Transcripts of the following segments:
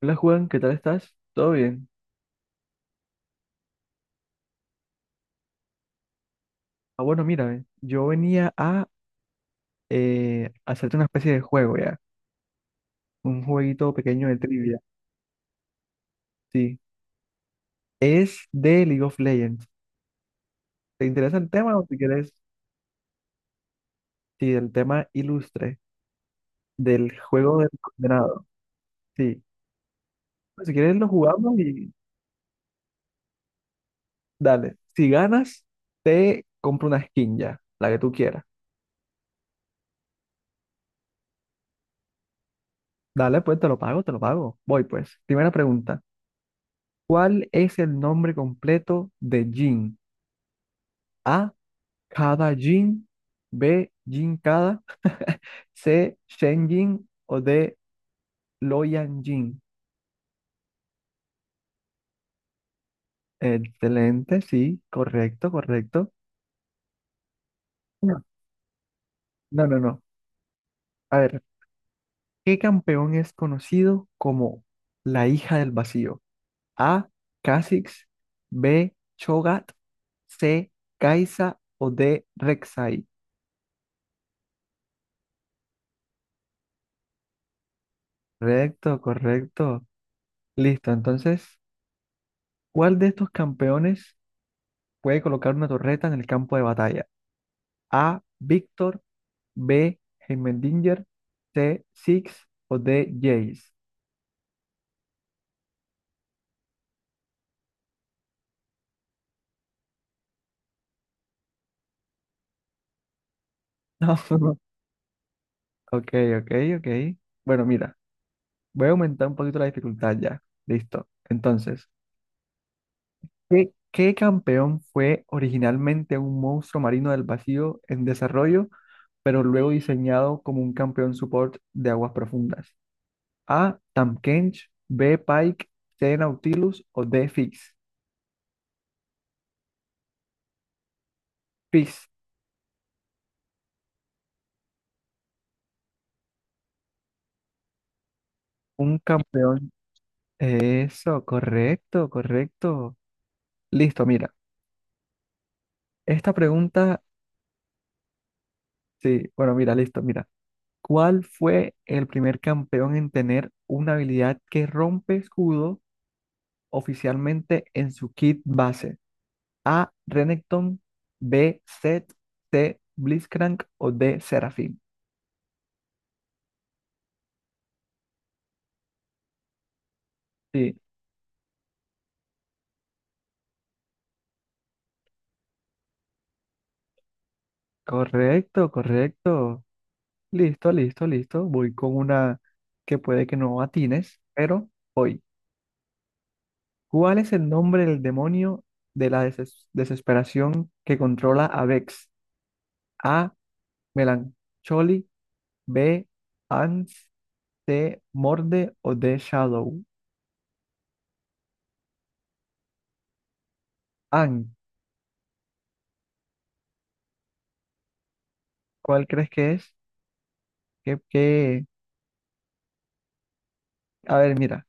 Hola Juan, ¿qué tal estás? ¿Todo bien? Ah, bueno, mira, yo venía a hacerte una especie de juego ya, un jueguito pequeño de trivia, sí. Es de League of Legends. ¿Te interesa el tema o si quieres, sí, el tema ilustre del juego del condenado? Sí. Pues, si quieres lo jugamos y dale. Si ganas, te compro una skin ya, la que tú quieras. Dale, pues te lo pago, te lo pago. Voy pues. Primera pregunta. ¿Cuál es el nombre completo de Jin? A. Cada Jin, B. Jin Kada, C. Shen Jin o D. Loyan Jin. Excelente, sí, correcto, correcto. No, no, no, no. A ver, ¿qué campeón es conocido como la hija del vacío? A. Kha'Zix, B. Chogat, C. Kaisa o D. Rek'Sai. Correcto, correcto. Listo, entonces, ¿cuál de estos campeones puede colocar una torreta en el campo de batalla? A. Víctor. B. Heimendinger. C. Six. O D. Jace. No, no. Ok, ok, ok. Bueno, mira, voy a aumentar un poquito la dificultad ya. Listo. Entonces, ¿qué campeón fue originalmente un monstruo marino del vacío en desarrollo, pero luego diseñado como un campeón support de aguas profundas? A. Tahm Kench. B. Pike. C. Nautilus. O D. Fix. Fix, un campeón. Eso, correcto, correcto. Listo, mira. Esta pregunta, sí, bueno, mira, listo, mira. ¿Cuál fue el primer campeón en tener una habilidad que rompe escudo oficialmente en su kit base? A. Renekton, B. Zed, C. Blitzcrank o D. Seraphine. Sí, correcto, correcto. Listo, listo, listo. Voy con una que puede que no atines, pero voy. ¿Cuál es el nombre del demonio de la desesperación que controla a Vex? A. Melancholy. B. Ans. C. Morde o D. Shadow. An. ¿Cuál crees que es? ¿Qué, qué? A ver, mira.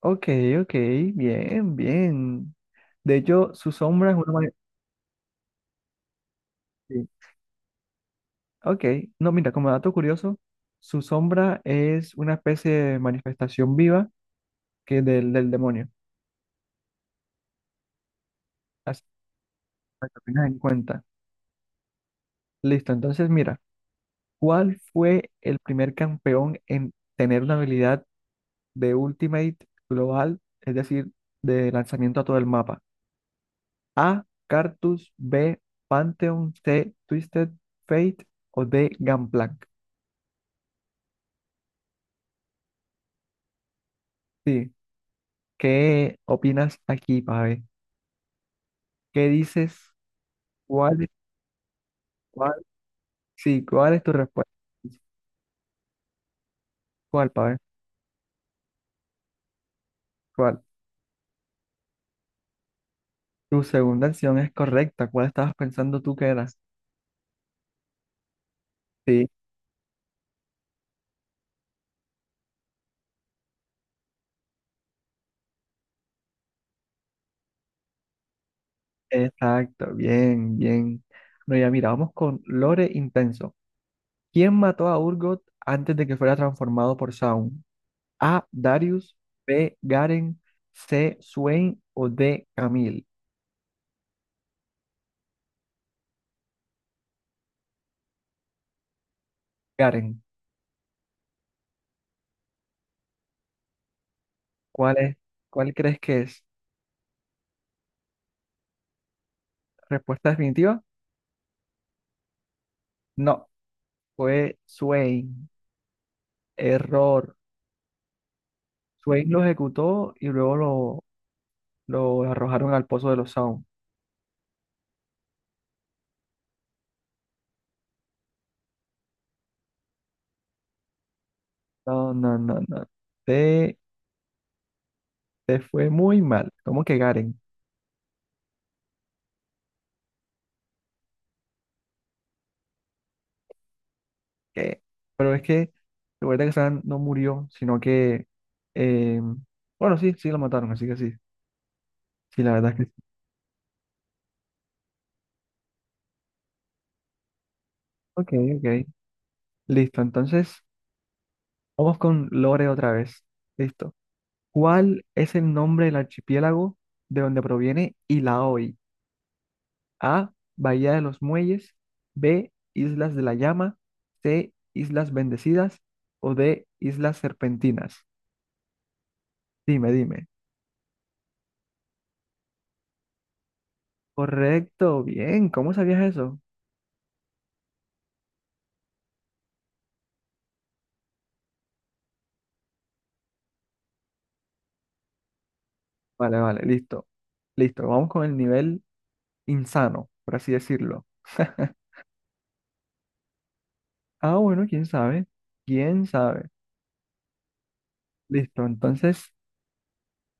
Ok, ok. Bien, bien. De hecho, su sombra es una... ma- sí, ok. No, mira, como dato curioso, su sombra es una especie de manifestación viva que del demonio. Así para que lo tengas en cuenta. Listo, entonces mira, ¿cuál fue el primer campeón en tener una habilidad de Ultimate global, es decir, de lanzamiento a todo el mapa? A, Cartus, B, Pantheon, C, Twisted Fate o D, Gangplank. Sí, ¿qué opinas aquí, Pave? ¿Qué dices? ¿Cuál es, cuál? Sí, ¿cuál es tu respuesta? ¿Cuál, Pave? ¿Cuál? Tu segunda acción es correcta. ¿Cuál estabas pensando tú que era? Sí. Exacto, bien, bien. Bueno, ya mira, vamos con Lore Intenso. ¿Quién mató a Urgot antes de que fuera transformado por Zaun? A. Darius, B. Garen, C. Swain o D. Camille. Garen, ¿cuál es, cuál crees que es? ¿Respuesta definitiva? No, fue Swain. Error. Swain lo ejecutó y luego lo arrojaron al pozo de los Zaun. No, no, no, no. Te, te fue muy mal. ¿Cómo que Garen? ¿Qué? Pero es que, recuerda que Sam no murió, sino que, eh, bueno, sí, sí lo mataron, así que sí, sí, la verdad es que sí. Ok, ok, listo, entonces vamos con Lore otra vez, listo. ¿Cuál es el nombre del archipiélago de donde proviene Ilaoi? A, Bahía de los Muelles, B, Islas de la Llama, C, Islas Bendecidas o D, Islas Serpentinas. Dime, dime. Correcto, bien, ¿cómo sabías eso? Vale, vale, listo. Listo, vamos con el nivel insano, por así decirlo. Ah, bueno, quién sabe. ¿Quién sabe? Listo, entonces,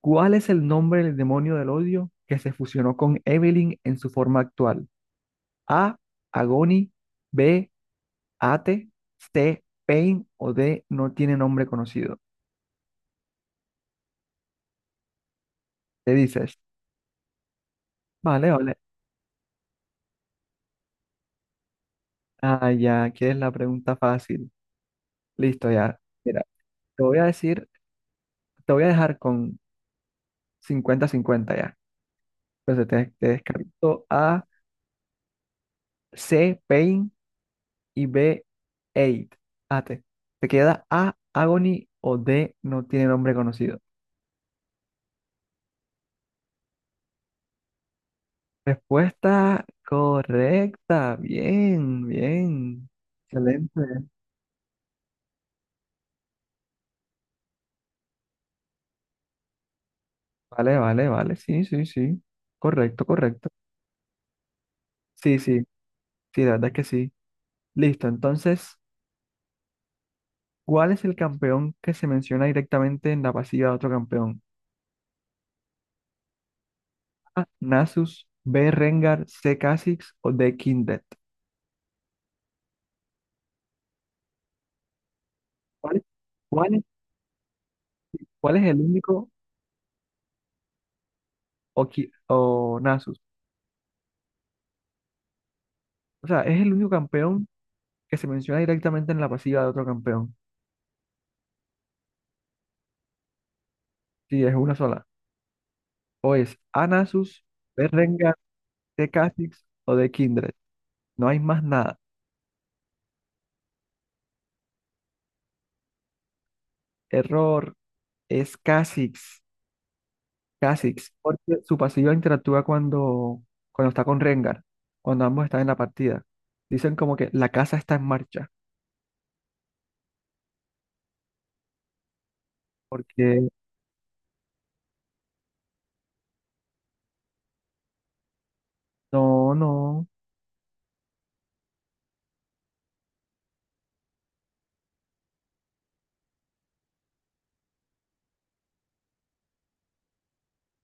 ¿cuál es el nombre del demonio del odio que se fusionó con Evelyn en su forma actual? A, Agony, B, Ate, C, Pain o D, no tiene nombre conocido. Te dices, vale, vale. Ah, ya, ¿quieres la pregunta fácil? Listo, ya. Mira, te voy a decir, te voy a dejar con 50-50 ya. Entonces te descarto A, C, Pain y B, Eight. Ate. Te queda A, Agony o D, no tiene nombre conocido. Respuesta correcta. Bien, bien. Excelente. Vale, vale, vale. Sí, sí, sí. Correcto, correcto. Sí, sí, sí, la verdad es que sí. Listo, entonces, ¿cuál es el campeón que se menciona directamente en la pasiva de otro campeón? A, Nasus, B, Rengar, C, Kha'Zix o D, Kindred. ¿Cuál es, cuál es- ¿Cuál es el único Oki- o Nasus? O sea, es el único campeón que se menciona directamente en la pasiva de otro campeón. Sí, es una sola. O es Anasus, de Rengar, de Kha'Zix o de Kindred. No hay más nada. Error, es Kha'Zix. Kha'Zix, porque su pasiva interactúa cuando está con Rengar, cuando ambos están en la partida. Dicen como que la casa está en marcha, porque no, no,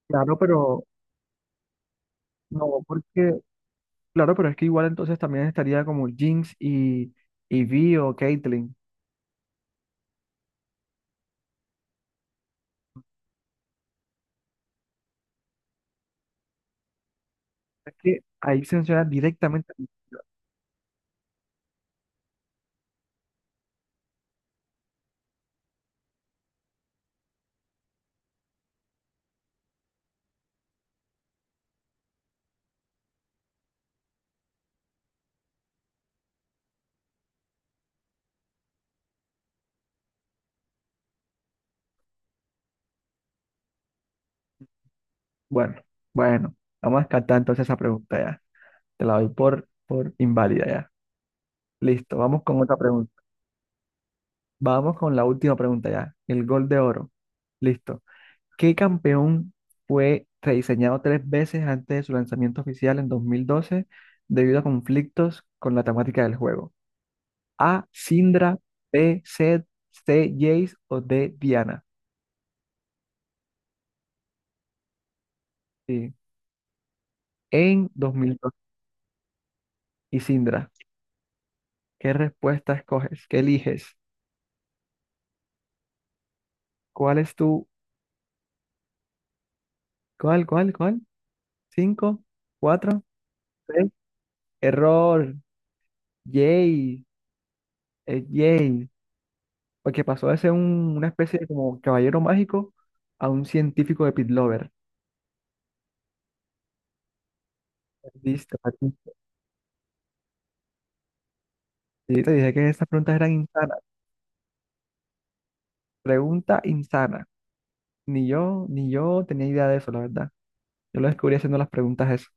claro, pero no, porque claro, pero es que igual entonces también estaría como Jinx y Vi o Caitlyn. Es que ahí se menciona directamente. Bueno, bueno, vamos a descartar entonces esa pregunta ya. Te la doy por inválida ya. Listo, vamos con otra pregunta. Vamos con la última pregunta ya. El gol de oro. Listo. ¿Qué campeón fue rediseñado tres veces antes de su lanzamiento oficial en 2012 debido a conflictos con la temática del juego? A, Sindra, B, Seth, C, Jace o D, Diana. Sí. En 2002 y Sindra, ¿qué respuesta escoges? ¿Qué eliges? ¿Cuál es tu? ¿Cuál, cuál, cuál? ¿Cinco? ¿Cuatro? ¿Tres? Error. Yay. Es Yay. Porque pasó de ser un- una especie de como caballero mágico a un científico de Pit Lover. Perdiste, perdiste. Sí, te dije que esas preguntas eran insanas. Pregunta insana. Ni yo tenía idea de eso, la verdad. Yo lo descubrí haciendo las preguntas eso.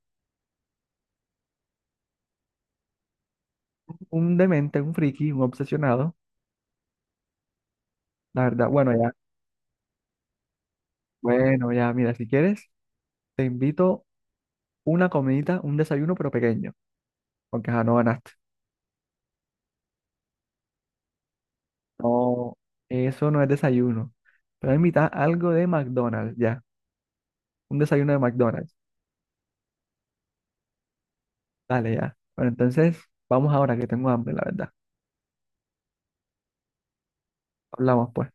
Un demente, un friki, un obsesionado. La verdad, bueno, ya. Bueno, ya, mira, si quieres, te invito una comidita, un desayuno, pero pequeño. Porque ya no ganaste. No, eso no es desayuno. Pero invita algo de McDonald's, ya. Un desayuno de McDonald's. Dale, ya. Bueno, entonces, vamos ahora que tengo hambre, la verdad. Hablamos, pues.